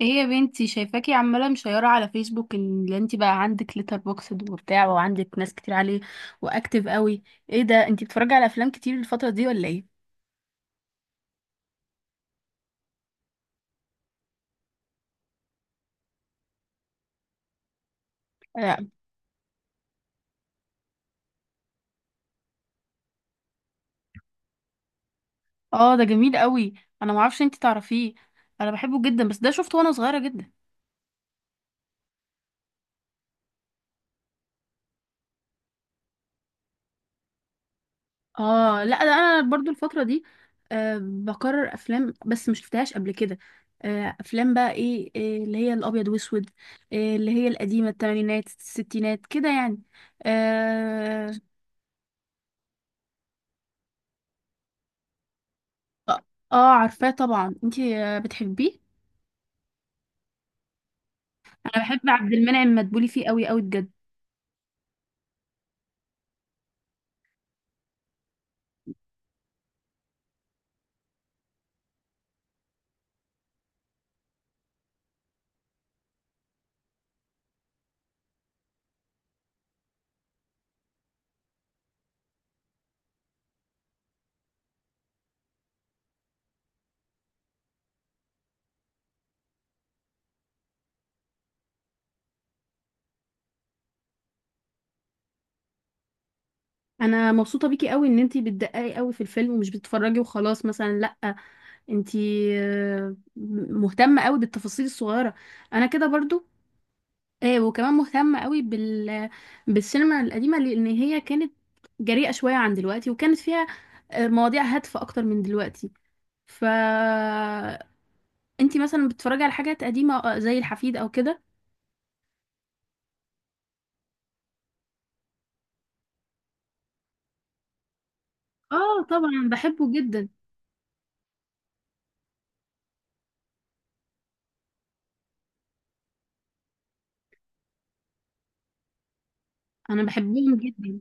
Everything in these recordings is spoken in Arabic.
ايه يا بنتي، شايفاكي عماله مشيره على فيسبوك ان انت بقى عندك ليتر بوكسد وبتاع وعندك ناس كتير عليه واكتف قوي. ايه ده، انت بتتفرجي على افلام كتير الفتره دي ولا ايه؟ اه. ده جميل قوي. انا معرفش انت تعرفيه. انا بحبه جدا، بس ده شفته وانا صغيره جدا. اه لا، ده انا برضو الفتره دي بكرر افلام، بس مش شفتهاش قبل كده. آه افلام بقى ايه، إيه اللي هي الابيض واسود، إيه اللي هي القديمه، الثمانينات الستينات كده يعني. آه، اه، عارفاه طبعا. انتي بتحبيه. انا بحب عبد المنعم مدبولي فيه قوي قوي بجد. انا مبسوطه بيكي قوي ان انتي بتدققي قوي في الفيلم ومش بتتفرجي وخلاص مثلا، لا، انتي آه، مهتمه قوي بالتفاصيل الصغيره. انا كده برضو، وكمان مهتمه قوي بالسينما القديمه، لان هي كانت جريئه شويه عن دلوقتي، وكانت فيها مواضيع هادفه اكتر من دلوقتي. ف انتي مثلا بتتفرجي على حاجات قديمه زي الحفيد او كده؟ اه طبعا بحبه جدا. انا بحبهم جدا.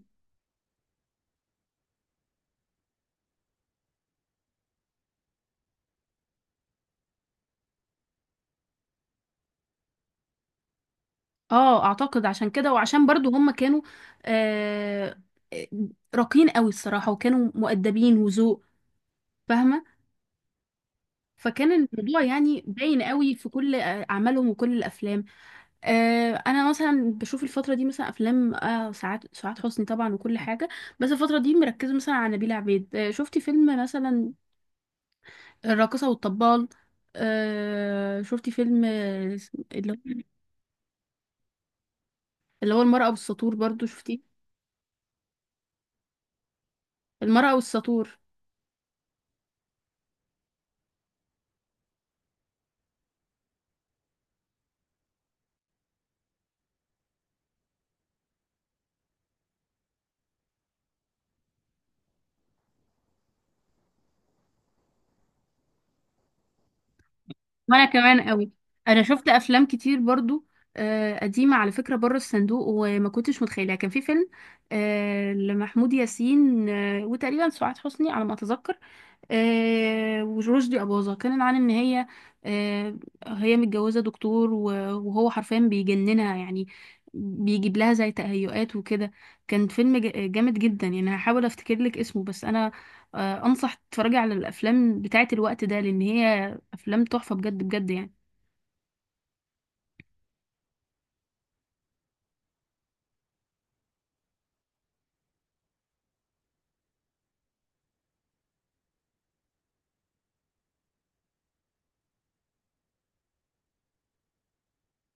اه اعتقد عشان كده، وعشان برضو هم كانوا آه راقيين قوي الصراحة، وكانوا مؤدبين وذوق، فاهمة، فكان الموضوع يعني باين قوي في كل اعمالهم وكل الافلام. آه انا مثلا بشوف الفترة دي مثلا افلام آه سعاد حسني طبعا وكل حاجة. بس الفترة دي مركزة مثلا على نبيلة عبيد. آه شفتي فيلم مثلا الراقصة والطبال؟ آه شفتي فيلم آه، اللي هو اللي هو المرأة والسطور، برضو شفتيه؟ المرأة والسطور. وانا كمان قوي. انا شفت افلام كتير برضو قديمة على فكرة، بره الصندوق وما كنتش متخيلها. كان في فيلم لمحمود ياسين وتقريبا سعاد حسني على ما اتذكر، ورشدي أباظة، كان عن إن هي آه، هي متجوزة دكتور وهو حرفيا بيجننها يعني، بيجيب لها زي تهيؤات وكده. كان فيلم جامد جدا يعني. هحاول أفتكر لك اسمه، بس أنا أنصح تتفرجي على الأفلام بتاعة الوقت ده، لأن هي أفلام تحفة بجد بجد يعني.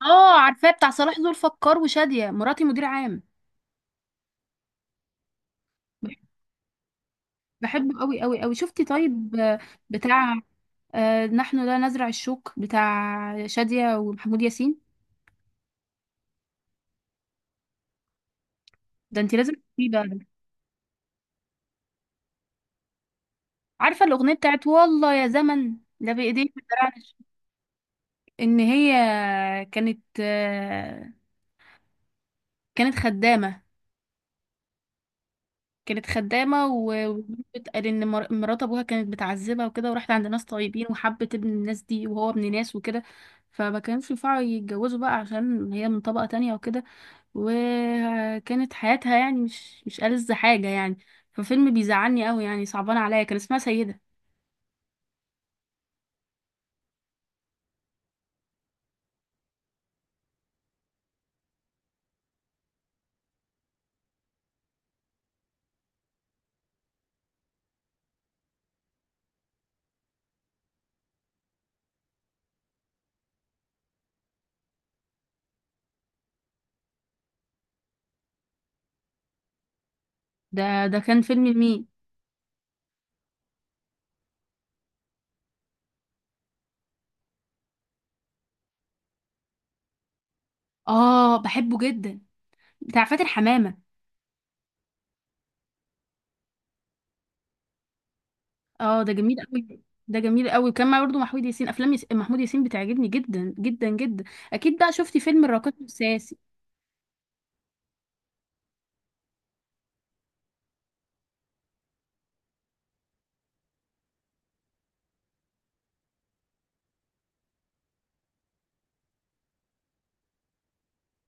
اه عارفاه، بتاع صلاح ذو الفقار وشادية، مراتي مدير عام. بحبه قوي قوي قوي. شفتي طيب بتاع نحن لا نزرع الشوك، بتاع شادية ومحمود ياسين؟ ده انت لازم تسيبي بقى. عارفه الاغنيه بتاعت والله يا زمن، ده بايديك الدرع. ان هي كانت كانت خدامه. كانت خدامه، وبتقال ان مرات ابوها كانت بتعذبها وكده، وراحت عند ناس طيبين، وحبت ابن الناس دي، وهو ابن ناس وكده، فما كانوش ينفعوا يتجوزوا بقى عشان هي من طبقه تانية وكده، وكانت حياتها يعني مش ألذ حاجه يعني. ففيلم بيزعلني قوي يعني، صعبان عليا. كان اسمها سيده. ده كان فيلم لمين؟ اه بحبه جدا، بتاع فاتن حمامة. اه ده جميل قوي. ده جميل قوي، كان معاه برضه محمود ياسين. محمود ياسين بتعجبني جدا جدا جدا. اكيد بقى شفتي فيلم الراقص والساسي؟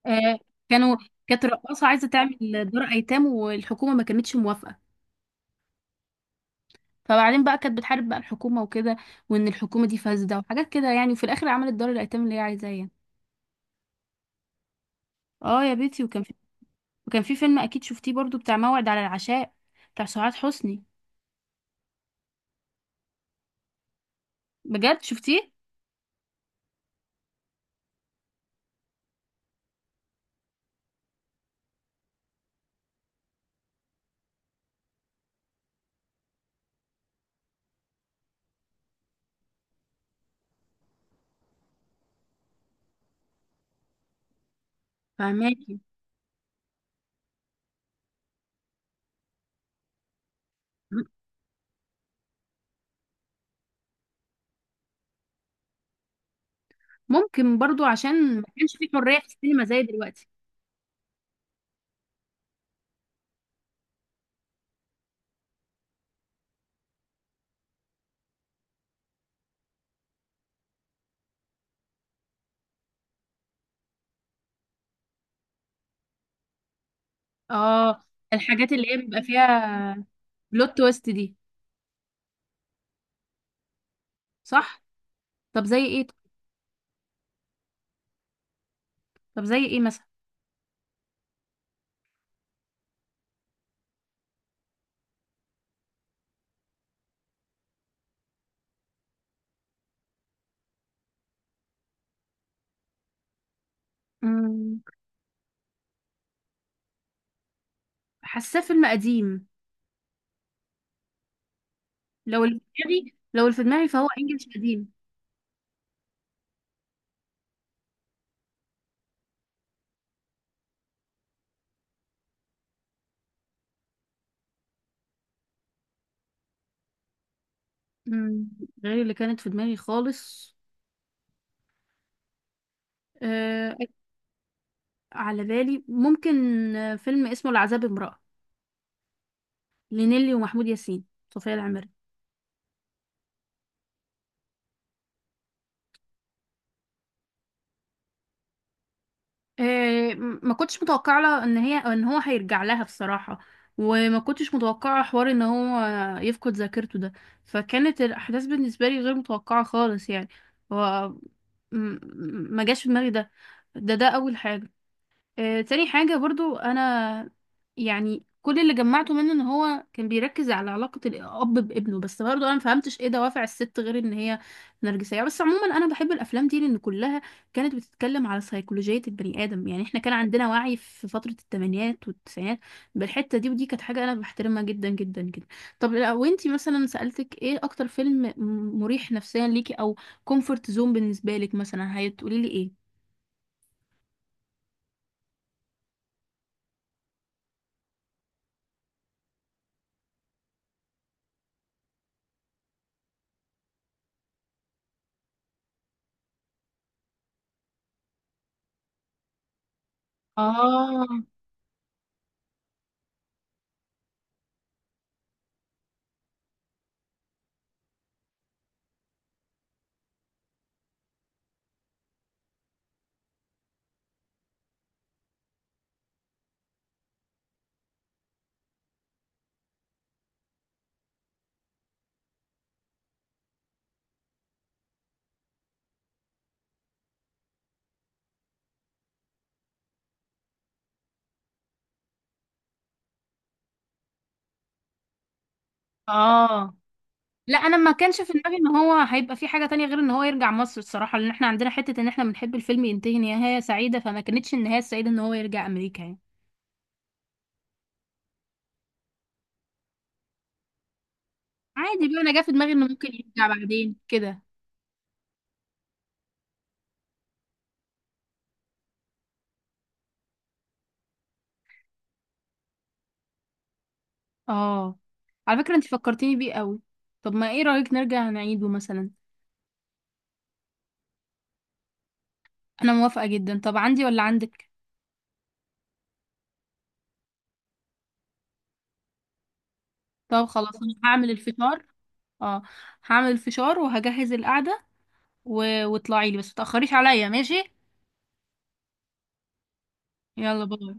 آه، كانوا كانت رقاصة عايزة تعمل دار ايتام، والحكومة ما كانتش موافقة، فبعدين بقى كانت بتحارب بقى الحكومة وكده، وان الحكومة دي فاسدة وحاجات كده يعني، وفي الاخر عملت دار الايتام اللي هي عايزاه يعني. اه يا بيتي. وكان في فيلم اكيد شفتيه برضه، بتاع موعد على العشاء، بتاع سعاد حسني. بجد شفتيه؟ فهماكي. ممكن برضو عشان ما كانش في حرية في السينما زي دلوقتي. اه، الحاجات اللي هي بيبقى فيها بلوت تويست دي. صح. طب زي ايه؟ طب زي ايه مثلا؟ مم، حاساه فيلم قديم. لو اللي في دماغي، فهو انجلش قديم. مم، غير اللي كانت في دماغي خالص. آه، على بالي ممكن فيلم اسمه العذاب امرأة، لنيلي ومحمود ياسين، صوفيا العمري. إيه، ما كنتش متوقعه لها ان هي ان هو هيرجع لها بصراحه، وما كنتش متوقعه حوار ان هو يفقد ذاكرته ده، فكانت الاحداث بالنسبه لي غير متوقعه خالص يعني. هو م- م- ما جاش في دماغي ده. ده اول حاجه. تاني حاجة برضو أنا، يعني كل اللي جمعته منه إن هو كان بيركز على علاقة الأب بابنه، بس برضو أنا مفهمتش إيه دوافع الست غير إن هي نرجسية. بس عموما أنا بحب الأفلام دي، لأن كلها كانت بتتكلم على سيكولوجية البني آدم. يعني إحنا كان عندنا وعي في فترة التمانينات والتسعينات بالحتة دي، ودي كانت حاجة أنا بحترمها جدا جدا جدا. طب لو أنتي مثلا سألتك إيه أكتر فيلم مريح نفسيا ليكي، أو كومفورت زون بالنسبة لك مثلا، هتقولي لي إيه؟ اه. اه لا، انا ما كانش في دماغي ان هو هيبقى في حاجه تانية غير ان هو يرجع مصر الصراحه، لان احنا عندنا حته ان احنا بنحب الفيلم ينتهي نهايه سعيده، فما كانتش النهايه السعيده ان هو يرجع امريكا يعني. عادي بقى، انا جا في دماغي انه ممكن يرجع بعدين كده. اه، على فكره انت فكرتيني بيه قوي. طب ما ايه رايك نرجع نعيده مثلا؟ انا موافقه جدا. طب عندي ولا عندك؟ طب خلاص، انا هعمل الفشار. اه هعمل الفشار وهجهز القعده، واطلعي لي بس متاخريش عليا، ماشي؟ يلا باي.